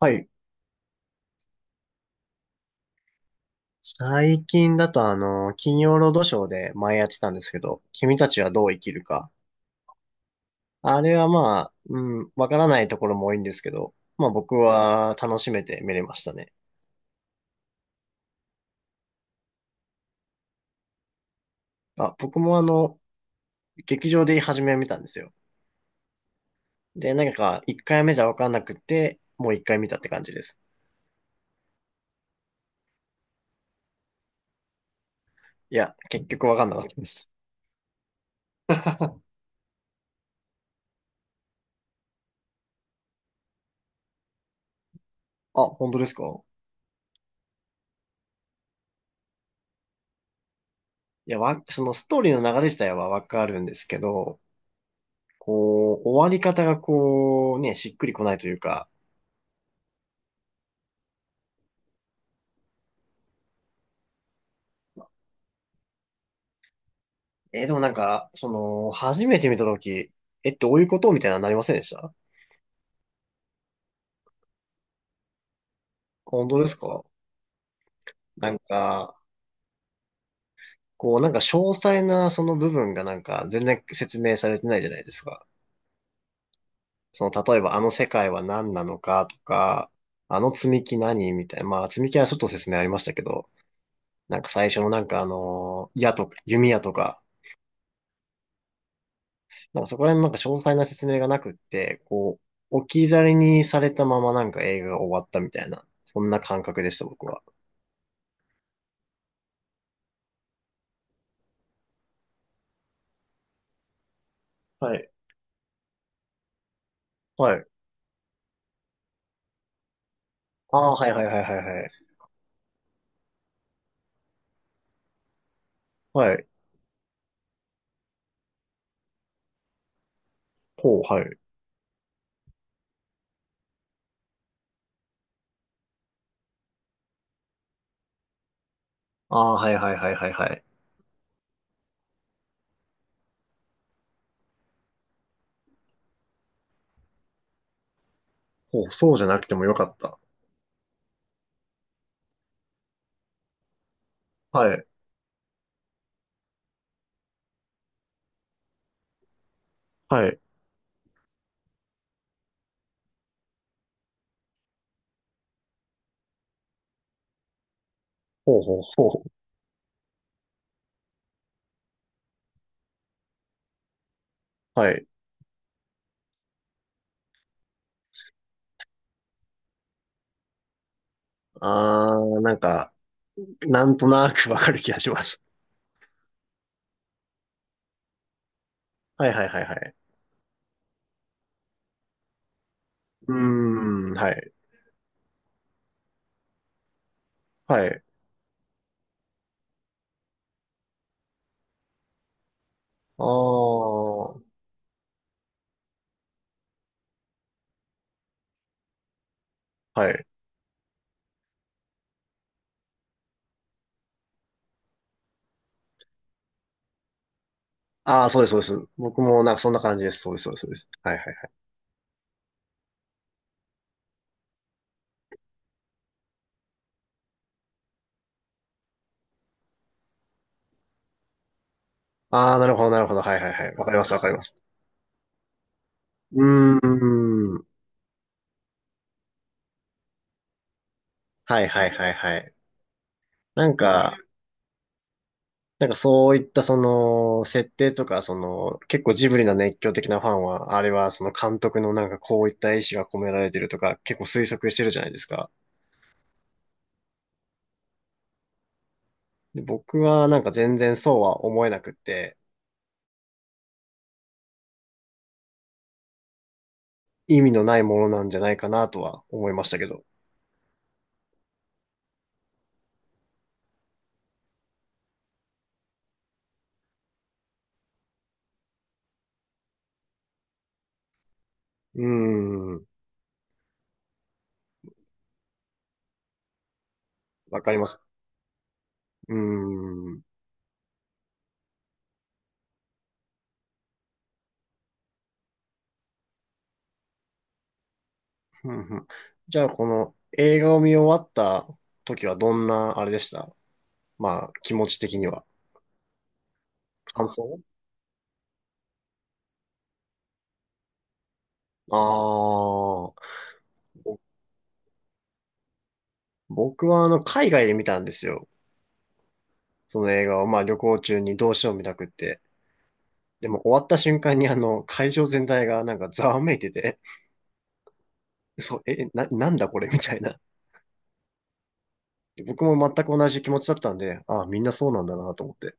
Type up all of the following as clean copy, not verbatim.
はい。最近だと金曜ロードショーで前やってたんですけど、君たちはどう生きるか。あれはまあ、うん、わからないところも多いんですけど、まあ僕は楽しめて見れましたね。あ、僕も劇場で初めは見たんですよ。で、なんか1回目じゃわかんなくて、もう1回見たって感じです。いや、結局わかんなかったです。あ、本当ですか？いや、そのストーリーの流れ自体はわかるんですけど、こう、終わり方がこう、ね、しっくりこないというか、でもなんか、初めて見たとき、え、どういうことみたいなのなりませんでした？本当ですか？なんか、こう、なんか詳細なその部分がなんか全然説明されてないじゃないですか。例えばあの世界は何なのかとか、あの積み木何みたいな。まあ、積み木はちょっと説明ありましたけど、なんか最初のなんか矢とか、弓矢とか、なんかそこら辺のなんか詳細な説明がなくって、こう、置き去りにされたままなんか映画が終わったみたいな、そんな感覚でした、僕は。はいはい。ああ、はいはいはいはいはい。はい。ほう、はい。ああ、はいはいはいはいはい。ほう、そうじゃなくてもよかった。はい。はい。ほうほうほう。はい。ああ、なんか、なんとなくわかる気がします。はいはいはいはい。うーん、はい。はい。ああ、はい。ああ、そうです、そうです。僕もなんかそんな感じです。そうです、そうです、そうです。はいはい。ああ、なるほど、なるほど。はいはいはい。わかります、わかります。うーん。はいはいはいはい。なんか、なんかそういったその設定とかその結構ジブリの熱狂的なファンはあれはその監督のなんかこういった意思が込められてるとか結構推測してるじゃないですか。で、僕はなんか全然そうは思えなくって意味のないものなんじゃないかなとは思いましたけど。うーん、わかります。うーん。ふんふん。じゃあこの映画を見終わった時はどんなあれでした？まあ気持ち的には。感想。ああー、僕は海外で見たんですよ。その映画を、まあ旅行中にどうしよう見たくって。でも終わった瞬間に会場全体がなんかざわめいてて、そう、なんだこれみたいな。僕も全く同じ気持ちだったんで、ああ、みんなそうなんだなと思って。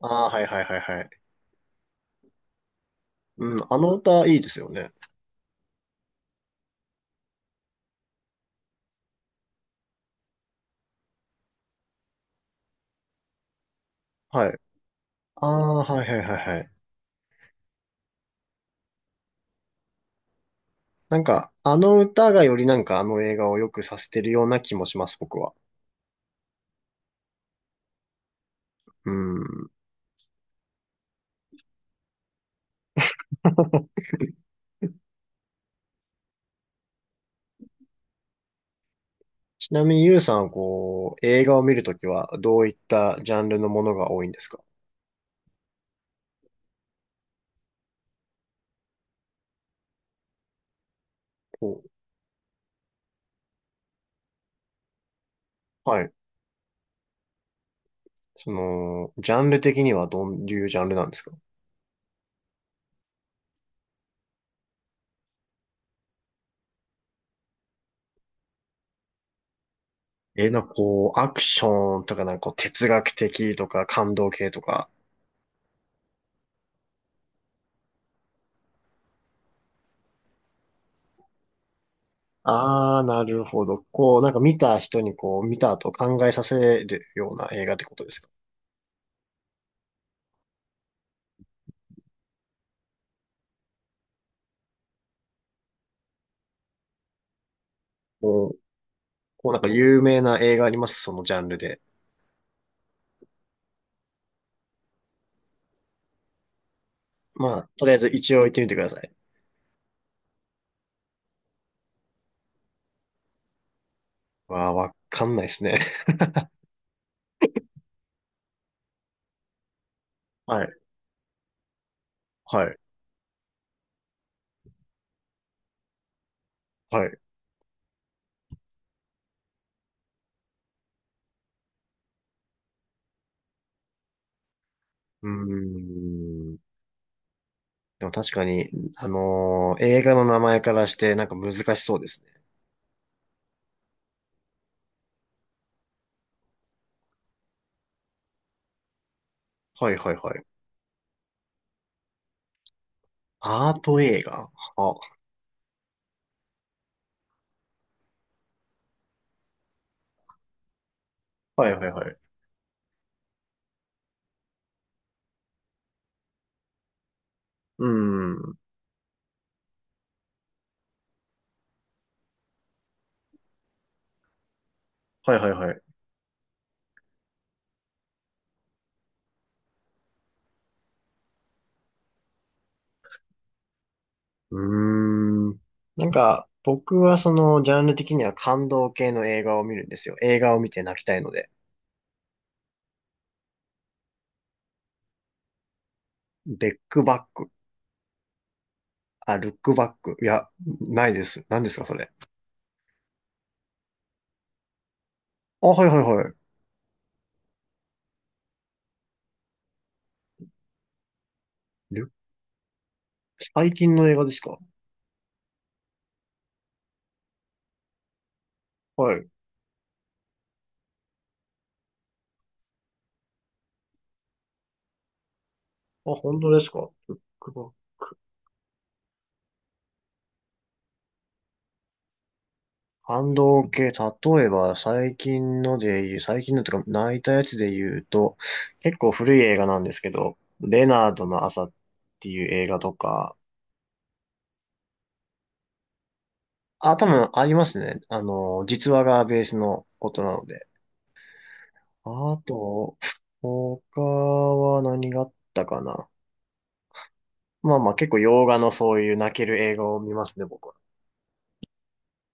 ああ、はいはいはいはい。うん、あの歌いいですよね。はい。ああ、はいはいはいはい。なんか、あの歌がよりなんかあの映画を良くさせてるような気もします、僕は。うん。ちなみに、ゆうさんはこう、映画を見るときは、どういったジャンルのものが多いんですか？お、はい。ジャンル的にはどういうジャンルなんですか？え、なんかこう、アクションとか、なんかこう、哲学的とか、感動系とか。あー、なるほど。こう、なんか見た人にこう、見た後考えさせるような映画ってことですか？お、こうなんか有名な映画あります？そのジャンルで。まあ、とりあえず一応行ってみてください。わー、わかんないですね。はい、はい、はい。うーん。でも確かに、映画の名前からしてなんか難しそうですね。はいはいはい。アート映画？あ、はいはいはい。うーん。はいはいはい。うーん。なんか、僕はジャンル的には感動系の映画を見るんですよ。映画を見て泣きたいので。ベックバック。あ、ルックバック。いや、ないです。何ですかそれ？あ、はいはいはい。ルック最近の映画ですか？はい。あ、本当ですか？ルックバッ反動系、例えば最近ので言う、最近のとか泣いたやつで言うと、結構古い映画なんですけど、レナードの朝っていう映画とか、あ、多分ありますね。実話がベースのことなので。あと、他は何があったかな。まあまあ結構洋画のそういう泣ける映画を見ますね、僕は。